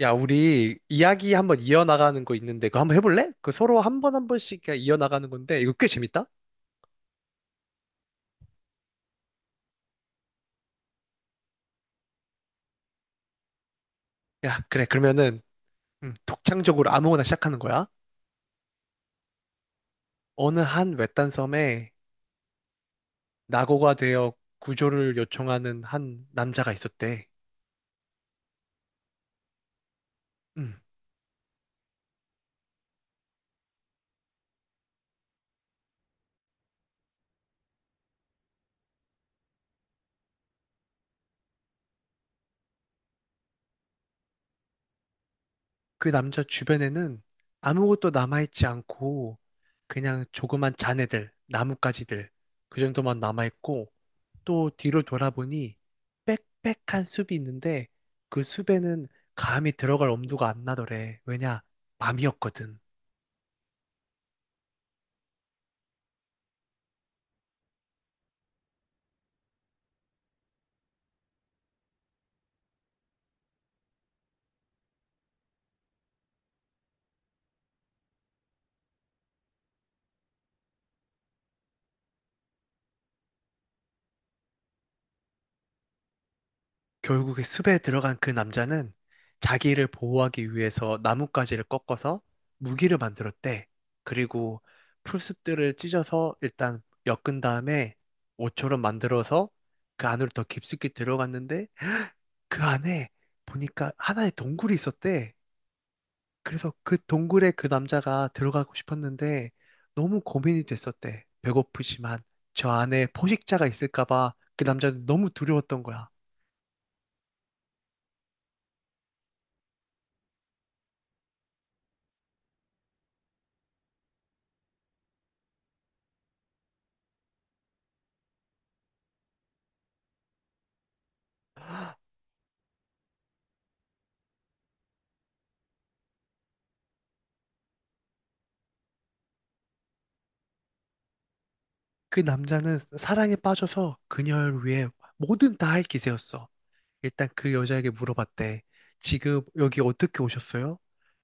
야, 우리 이야기 한번 이어나가는 거 있는데 그거 한번 해볼래? 그 서로 한번 한 번씩 그냥 이어나가는 건데 이거 꽤 재밌다? 야, 그래. 그러면은 독창적으로 아무거나 시작하는 거야. 어느 한 외딴 섬에 낙오가 되어 구조를 요청하는 한 남자가 있었대. 음, 그 남자 주변에는 아무것도 남아있지 않고 그냥 조그만 잔해들, 나뭇가지들 그 정도만 남아있고 또 뒤로 돌아보니 빽빽한 숲이 있는데 그 숲에는 감히 들어갈 엄두가 안 나더래. 왜냐? 밤이었거든. 결국에 숲에 들어간 그 남자는 자기를 보호하기 위해서 나뭇가지를 꺾어서 무기를 만들었대. 그리고 풀숲들을 찢어서 일단 엮은 다음에 옷처럼 만들어서 그 안으로 더 깊숙이 들어갔는데 그 안에 보니까 하나의 동굴이 있었대. 그래서 그 동굴에 그 남자가 들어가고 싶었는데 너무 고민이 됐었대. 배고프지만 저 안에 포식자가 있을까 봐 그 남자는 너무 두려웠던 거야. 그 남자는 사랑에 빠져서 그녀를 위해 뭐든 다 할 기세였어. 일단 그 여자에게 물어봤대. 지금 여기 어떻게 오셨어요?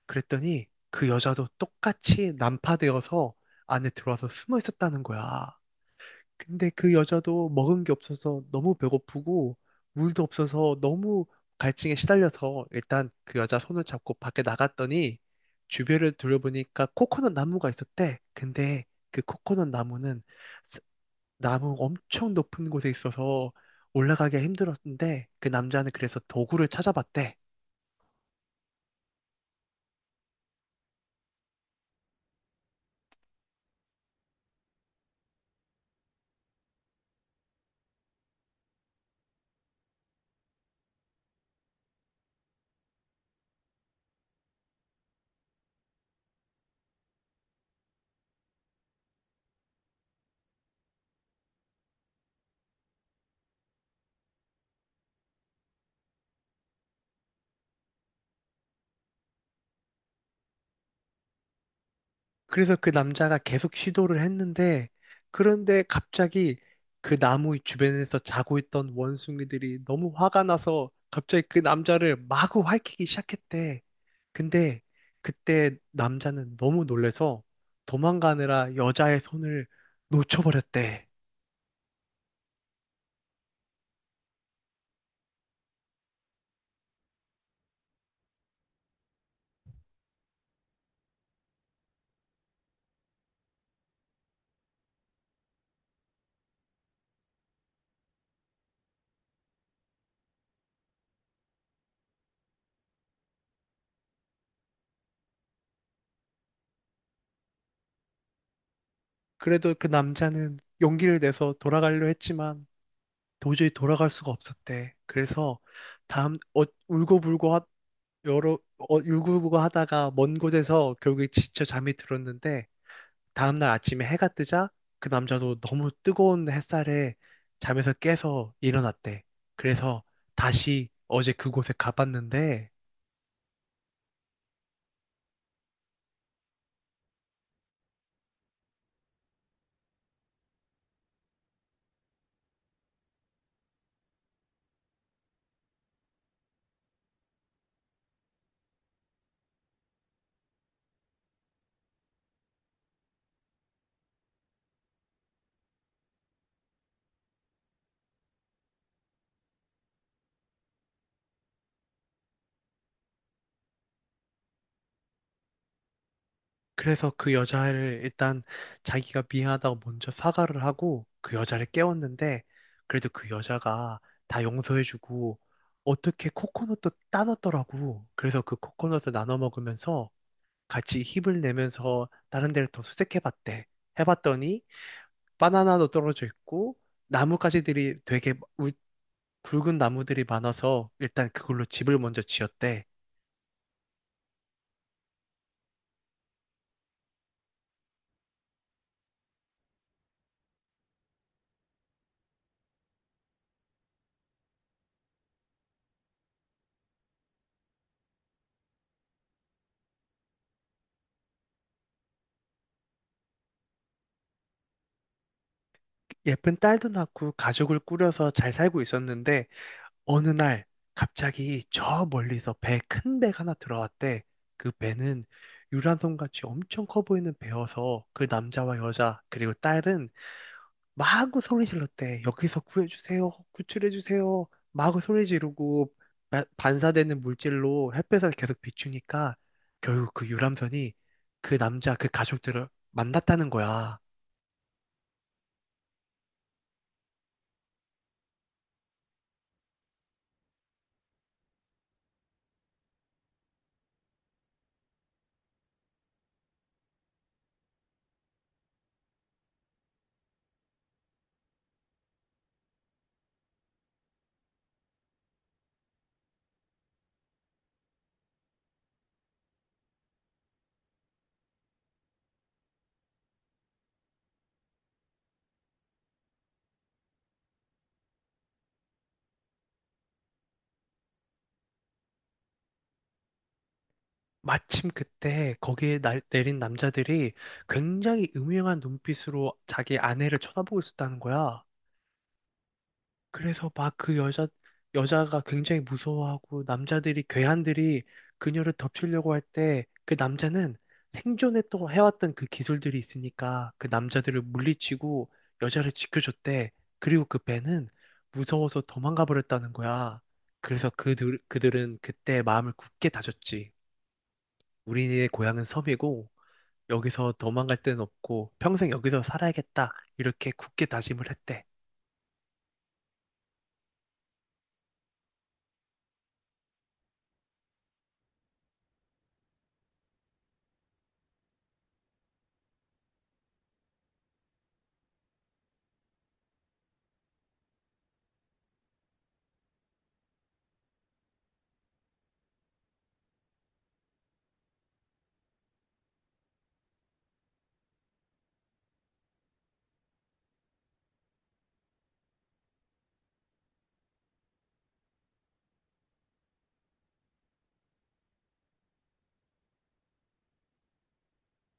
그랬더니 그 여자도 똑같이 난파되어서 안에 들어와서 숨어 있었다는 거야. 근데 그 여자도 먹은 게 없어서 너무 배고프고 물도 없어서 너무 갈증에 시달려서 일단 그 여자 손을 잡고 밖에 나갔더니 주변을 둘러보니까 코코넛 나무가 있었대. 근데 그 코코넛 나무는 나무 엄청 높은 곳에 있어서 올라가기가 힘들었는데 그 남자는 그래서 도구를 찾아봤대. 그래서 그 남자가 계속 시도를 했는데 그런데 갑자기 그 나무 주변에서 자고 있던 원숭이들이 너무 화가 나서 갑자기 그 남자를 마구 핥기 시작했대. 근데 그때 남자는 너무 놀래서 도망가느라 여자의 손을 놓쳐버렸대. 그래도 그 남자는 용기를 내서 돌아가려 했지만 도저히 돌아갈 수가 없었대. 그래서 다음 어, 울고불고 하, 여러 울고불고 하다가 먼 곳에서 결국에 지쳐 잠이 들었는데 다음날 아침에 해가 뜨자 그 남자도 너무 뜨거운 햇살에 잠에서 깨서 일어났대. 그래서 다시 어제 그곳에 가봤는데, 그래서 그 여자를 일단 자기가 미안하다고 먼저 사과를 하고 그 여자를 깨웠는데, 그래도 그 여자가 다 용서해주고 어떻게 코코넛도 따놨더라고. 그래서 그 코코넛을 나눠 먹으면서 같이 힘을 내면서 다른 데를 더 수색해봤대. 해봤더니 바나나도 떨어져 있고 나뭇가지들이 되게 우- 굵은 나무들이 많아서 일단 그걸로 집을 먼저 지었대. 예쁜 딸도 낳고 가족을 꾸려서 잘 살고 있었는데 어느 날 갑자기 저 멀리서 배 큰 배가 하나 들어왔대. 그 배는 유람선같이 엄청 커 보이는 배여서 그 남자와 여자 그리고 딸은 마구 소리 질렀대. 여기서 구해주세요. 구출해주세요. 마구 소리 지르고 반사되는 물질로 햇볕을 계속 비추니까 결국 그 유람선이 그 남자 그 가족들을 만났다는 거야. 마침 그때 거기에 내린 남자들이 굉장히 음흉한 눈빛으로 자기 아내를 쳐다보고 있었다는 거야. 그래서 여자가 굉장히 무서워하고 괴한들이 그녀를 덮치려고 할 때 그 남자는 해왔던 그 기술들이 있으니까 그 남자들을 물리치고 여자를 지켜줬대. 그리고 그 배는 무서워서 도망가 버렸다는 거야. 그래서 그들은 그때 마음을 굳게 다졌지. 우리의 고향은 섬이고, 여기서 도망갈 데는 없고 평생 여기서 살아야겠다. 이렇게 굳게 다짐을 했대.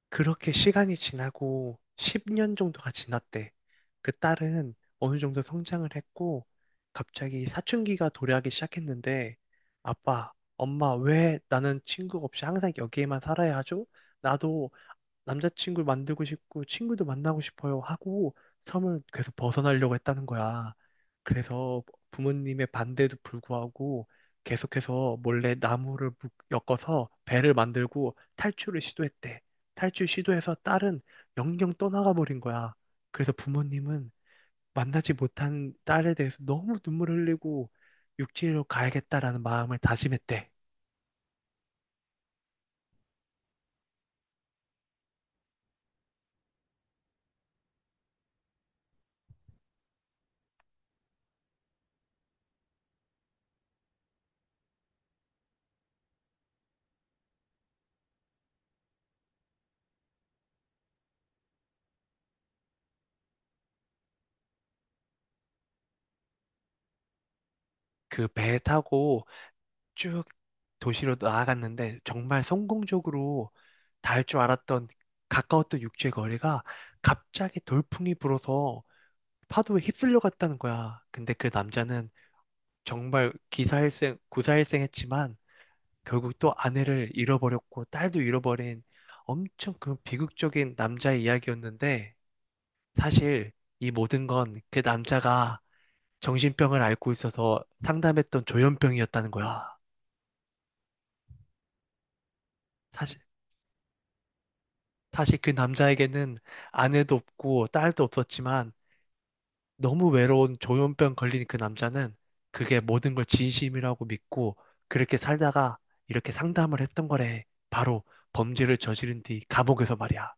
그렇게 시간이 지나고 10년 정도가 지났대. 그 딸은 어느 정도 성장을 했고 갑자기 사춘기가 도래하기 시작했는데 아빠, 엄마 왜 나는 친구 없이 항상 여기에만 살아야 하죠? 나도 남자친구를 만들고 싶고 친구도 만나고 싶어요 하고 섬을 계속 벗어나려고 했다는 거야. 그래서 부모님의 반대도 불구하고 계속해서 몰래 엮어서 배를 만들고 탈출을 시도했대. 탈출 시도해서 딸은 영영 떠나가 버린 거야. 그래서 부모님은 만나지 못한 딸에 대해서 너무 눈물 흘리고 육지로 가야겠다라는 마음을 다짐했대. 그 배 타고 쭉 도시로 나아갔는데 정말 성공적으로 닿을 줄 알았던 가까웠던 육지의 거리가 갑자기 돌풍이 불어서 파도에 휩쓸려 갔다는 거야. 근데 그 남자는 정말 기사일생, 구사일생했지만 결국 또 아내를 잃어버렸고 딸도 잃어버린 엄청 그 비극적인 남자의 이야기였는데 사실 이 모든 건 그 남자가 정신병을 앓고 있어서 상담했던 조현병이었다는 거야. 사실, 사실 그 남자에게는 아내도 없고 딸도 없었지만 너무 외로운 조현병 걸린 그 남자는 그게 모든 걸 진심이라고 믿고 그렇게 살다가 이렇게 상담을 했던 거래. 바로 범죄를 저지른 뒤 감옥에서 말이야.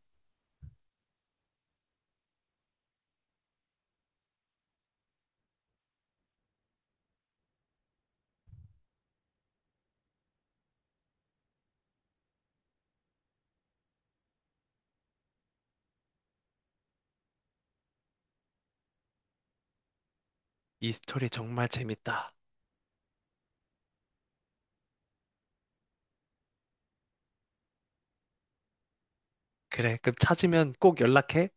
이 스토리 정말 재밌다. 그래, 그럼 찾으면 꼭 연락해.